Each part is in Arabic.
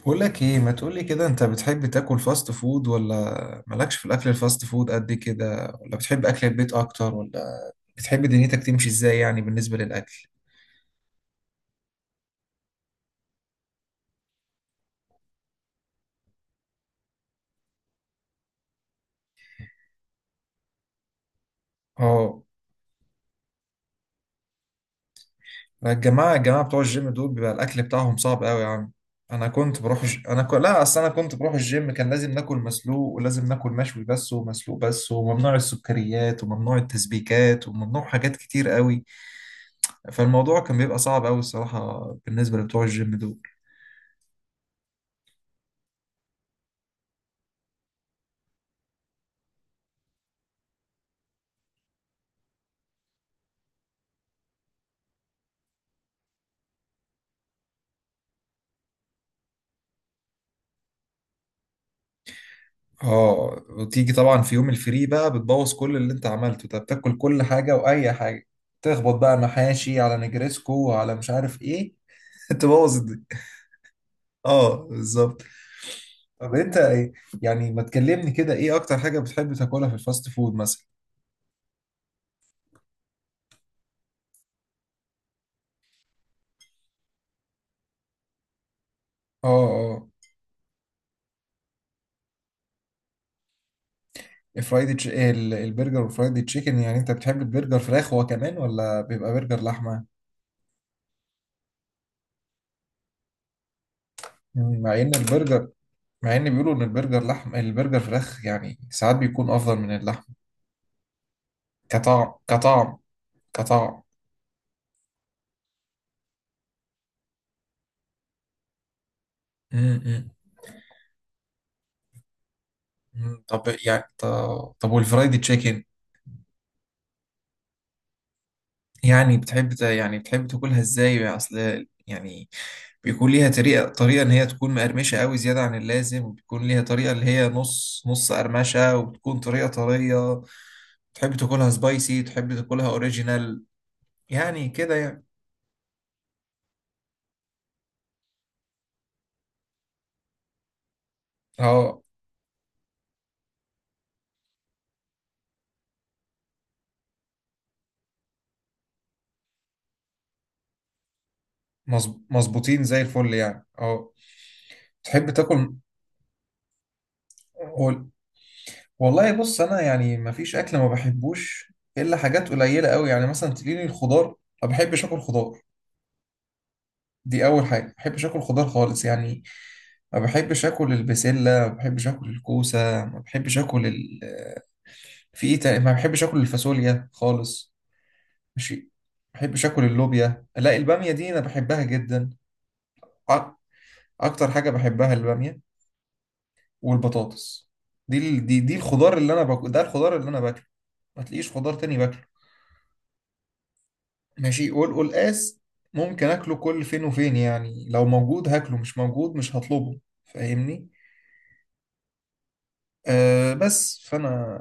بقول لك ايه، ما تقولي كده، انت بتحب تاكل فاست فود، ولا مالكش في الاكل الفاست فود قد كده، ولا بتحب اكل البيت اكتر، ولا بتحب دنيتك تمشي ازاي يعني بالنسبة للاكل؟ اه. لا، الجماعة بتوع الجيم دول بيبقى الاكل بتاعهم صعب قوي يا عم. انا كنت بروح الج... انا ك... لا اصل انا كنت بروح الجيم، كان لازم ناكل مسلوق، ولازم ناكل مشوي بس ومسلوق بس، وممنوع السكريات وممنوع التسبيكات وممنوع حاجات كتير قوي. فالموضوع كان بيبقى صعب قوي الصراحة بالنسبة لبتوع الجيم دول. اه، وتيجي طبعا في يوم الفري بقى بتبوظ كل اللي انت عملته، انت بتاكل كل حاجة واي حاجة، تخبط بقى محاشي على نجرسكو على مش عارف ايه تبوظ الدنيا. اه، بالظبط. طب انت ايه؟ يعني ما تكلمني كده، ايه اكتر حاجة بتحب تاكلها في الفاست فود مثلا؟ اه، اه. البرجر والفرايدي تشيكن، يعني انت بتحب البرجر فراخ هو كمان، ولا بيبقى برجر لحمة؟ مم، مع ان البرجر مع ان بيقولوا ان البرجر لحم، البرجر فراخ يعني ساعات بيكون افضل من اللحمة، كطعم. كطعم. كطعم. مم، مم، مم. طب يعني طب والفرايدي تشيكن، يعني بتحب تاكلها ازاي يعني؟ اصل يعني بيكون ليها طريقة ان هي تكون مقرمشة قوي زيادة عن اللازم، وبيكون ليها طريقة اللي هي نص نص قرمشة، وبتكون طريقة طرية. تحب تاكلها سبايسي، تحب تاكلها اوريجينال، يعني كده يعني. اه، مظبوطين زي الفل يعني. اه، تحب تاكل. والله بص، انا يعني ما فيش اكل ما بحبوش الا حاجات قليله قوي، يعني مثلا تلاقيني الخضار. ما بحبش اكل خضار. دي اول حاجه، ما بحبش اكل خضار خالص يعني. ما بحبش اكل البسله، ما بحبش اكل الكوسه، ما بحبش اكل ال في ايه تاني، ما بحبش اكل الفاصوليا خالص، ماشي. ما بحبش اكل اللوبيا. لا، الباميه دي انا بحبها جدا. أ- اكتر حاجه بحبها الباميه، والبطاطس. دي ال- دي دي الخضار اللي انا باكل ده، الخضار اللي انا باكله. ما تلاقيش خضار تاني باكله. ماشي، والقلقاس ممكن اكله كل فين وفين يعني، لو موجود هاكله، مش موجود مش هطلبه، فاهمني؟ بس فانا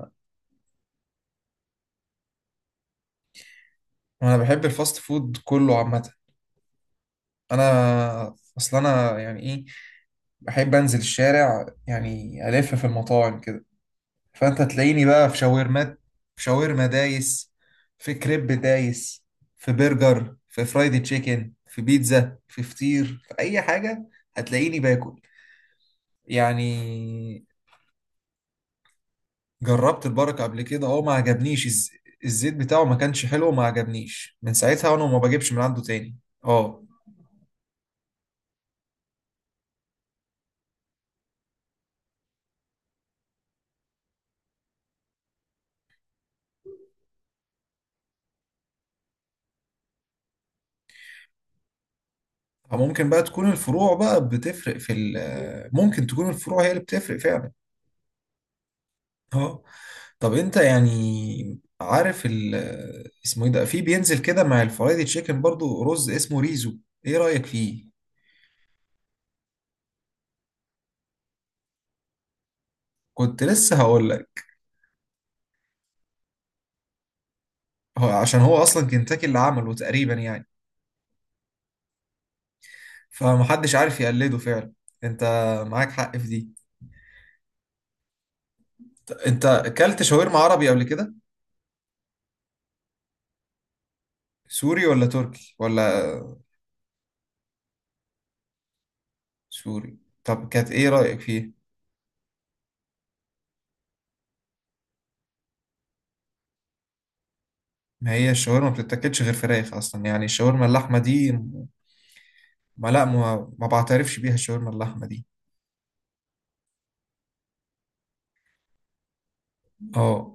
انا بحب الفاست فود كله عامه. انا اصل انا يعني ايه، بحب انزل الشارع يعني، الف في المطاعم كده. فانت تلاقيني بقى في شاورمات، في شاورما دايس، في كريب دايس، في برجر، في فرايدي تشيكن، في بيتزا، في فطير، في اي حاجه هتلاقيني باكل يعني. جربت البركة قبل كده، اه، ما عجبنيش. الزيت بتاعه ما كانش حلو، وما عجبنيش من ساعتها وانا ما بجيبش من عنده تاني. اه، ممكن بقى تكون الفروع بقى بتفرق ممكن تكون الفروع هي اللي بتفرق فعلا. اه. طب انت يعني عارف اسمه ايه ده، في بينزل كده مع الفرايدي تشيكن برضو رز اسمه ريزو؟ ايه رأيك فيه؟ كنت لسه هقول لك. هو عشان هو اصلا كنتاكي اللي عمله تقريبا يعني، فمحدش عارف يقلده فعلا. انت معاك حق في دي. انت اكلت شاورما عربي قبل كده؟ سوري ولا تركي ولا؟ سوري. طب كانت ايه رأيك فيه؟ ما هي الشاورما ما بتتاكلش غير فراخ اصلا يعني، الشاورما اللحمه دي ما لا ما, ما بعترفش بيها الشاورما اللحمه دي. اه،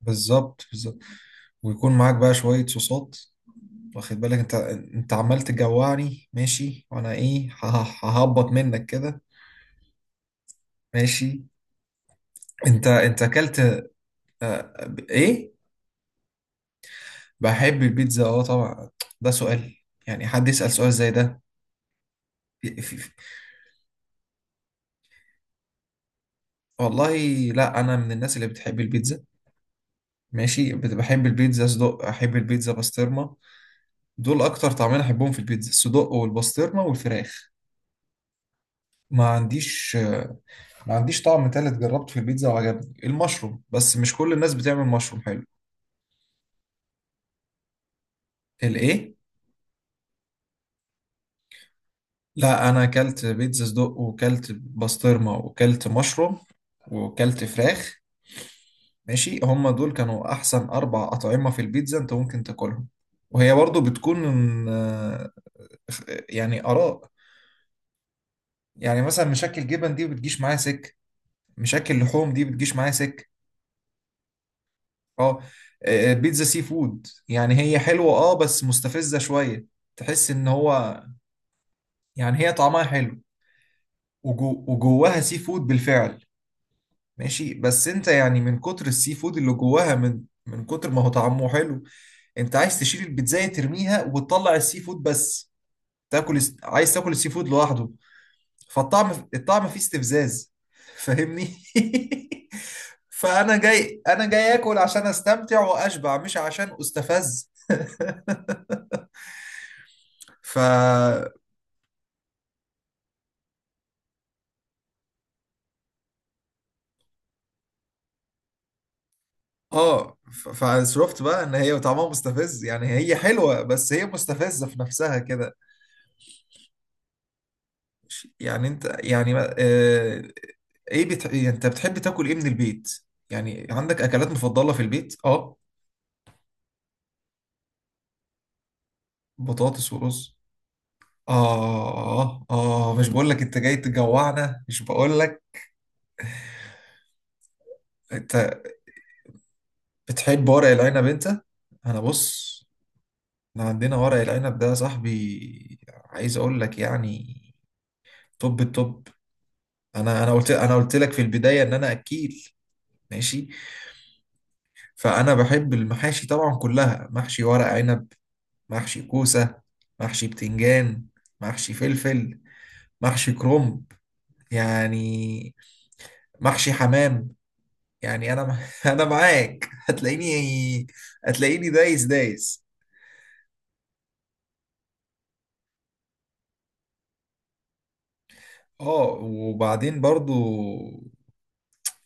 بالظبط، بالظبط. ويكون معاك بقى شويه صوصات، واخد بالك انت؟ انت عمال تجوعني ماشي، وانا ايه، ههبط منك كده. ماشي. انت اكلت ايه؟ بحب البيتزا اه طبعا، ده سؤال؟ يعني حد يسأل سؤال زي ده؟ في- في- والله لا، انا من الناس اللي بتحب البيتزا، ماشي. بحب البيتزا صدق، احب البيتزا بسطرمه. دول اكتر طعمين احبهم في البيتزا، الصدق والبسطرمه والفراخ. ما عنديش ما عنديش طعم تالت جربته في البيتزا وعجبني، المشروم، بس مش كل الناس بتعمل مشروم حلو. الايه؟ لا، انا اكلت بيتزا صدق، وكلت بسطرمه، وكلت مشروم، وكلت فراخ. ماشي، هما دول كانوا احسن اربع اطعمه في البيتزا انت ممكن تاكلهم. وهي برضو بتكون يعني آراء، يعني مثلا مشاكل جبن دي بتجيش معايا سك، مشاكل لحوم دي بتجيش معايا سك. اه. بيتزا سي فود يعني، هي حلوة اه بس مستفزة شوية. تحس ان هو، يعني هي طعمها حلو، وجواها سي فود بالفعل، ماشي. بس انت يعني، من كتر السي فود اللي جواها، من كتر ما هو طعمه حلو انت عايز تشيل البيتزاية ترميها وتطلع السي فود بس، عايز تاكل السي فود لوحده. فالطعم فيه استفزاز فاهمني؟ فانا جاي اكل عشان استمتع واشبع مش عشان استفز. ف فصرفت بقى ان هي طعمها مستفز يعني، هي حلوه بس هي مستفزه في نفسها كده. ش- يعني انت يعني ما- آه، ايه يعني انت بتحب تاكل ايه من البيت؟ يعني عندك اكلات مفضله في البيت؟ اه، بطاطس ورز. اه، اه، مش بقول لك انت جاي تجوعنا، مش بقول لك. انت بتحب ورق العنب انت؟ انا بص، احنا عندنا ورق العنب ده يا صاحبي، عايز اقول لك يعني، توب التوب. انا قلت لك في البدايه ان انا اكيل، ماشي. فانا بحب المحاشي طبعا كلها، محشي ورق عنب، محشي كوسه، محشي بتنجان، محشي فلفل، محشي كرنب، يعني، محشي حمام، يعني انا انا معاك هتلاقيني، هتلاقيني دايس دايس. اه، وبعدين برضو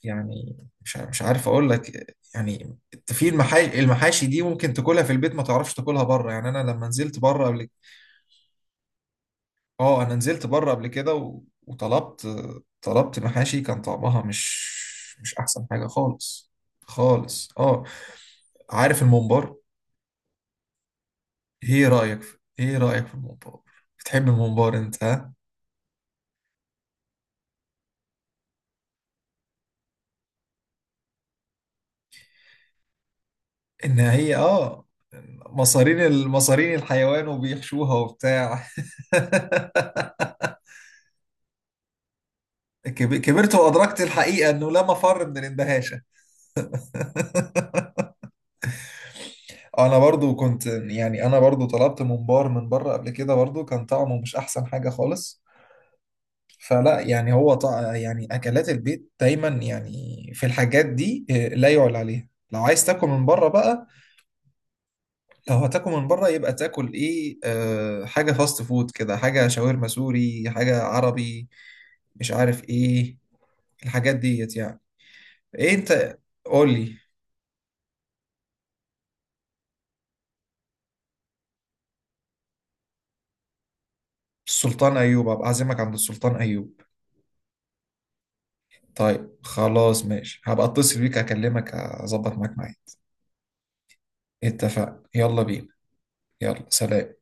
يعني، مش عارف اقول لك يعني. في المحاشي دي ممكن تاكلها في البيت، ما تعرفش تاكلها بره يعني. انا لما نزلت بره قبل، اه، انا نزلت بره قبل كده وطلبت، طلبت محاشي كان طعمها مش احسن حاجة خالص. خالص، اه. عارف الممبار؟ ايه رأيك في الممبار؟ بتحب الممبار انت ها؟ ان هي المصارين الحيوان وبيحشوها وبتاع كبرت وادركت الحقيقه انه لا مفر من الاندهاشه. انا برضو كنت يعني، انا برضو طلبت ممبار من بره قبل كده برضو كان طعمه مش احسن حاجه خالص. فلا يعني يعني اكلات البيت دايما يعني، في الحاجات دي لا يعلى عليها. لو عايز تاكل من بره بقى، لو هتاكل من بره يبقى تاكل ايه، حاجه فاست فود كده، حاجه شاورما سوري، حاجه عربي، مش عارف ايه، الحاجات ديت يعني. ايه انت، قول لي. السلطان ايوب، ابقى اعزمك عند السلطان ايوب. طيب خلاص ماشي، هبقى اتصل بيك اكلمك اظبط معاك معايا. اتفقنا، يلا بينا. يلا، سلام.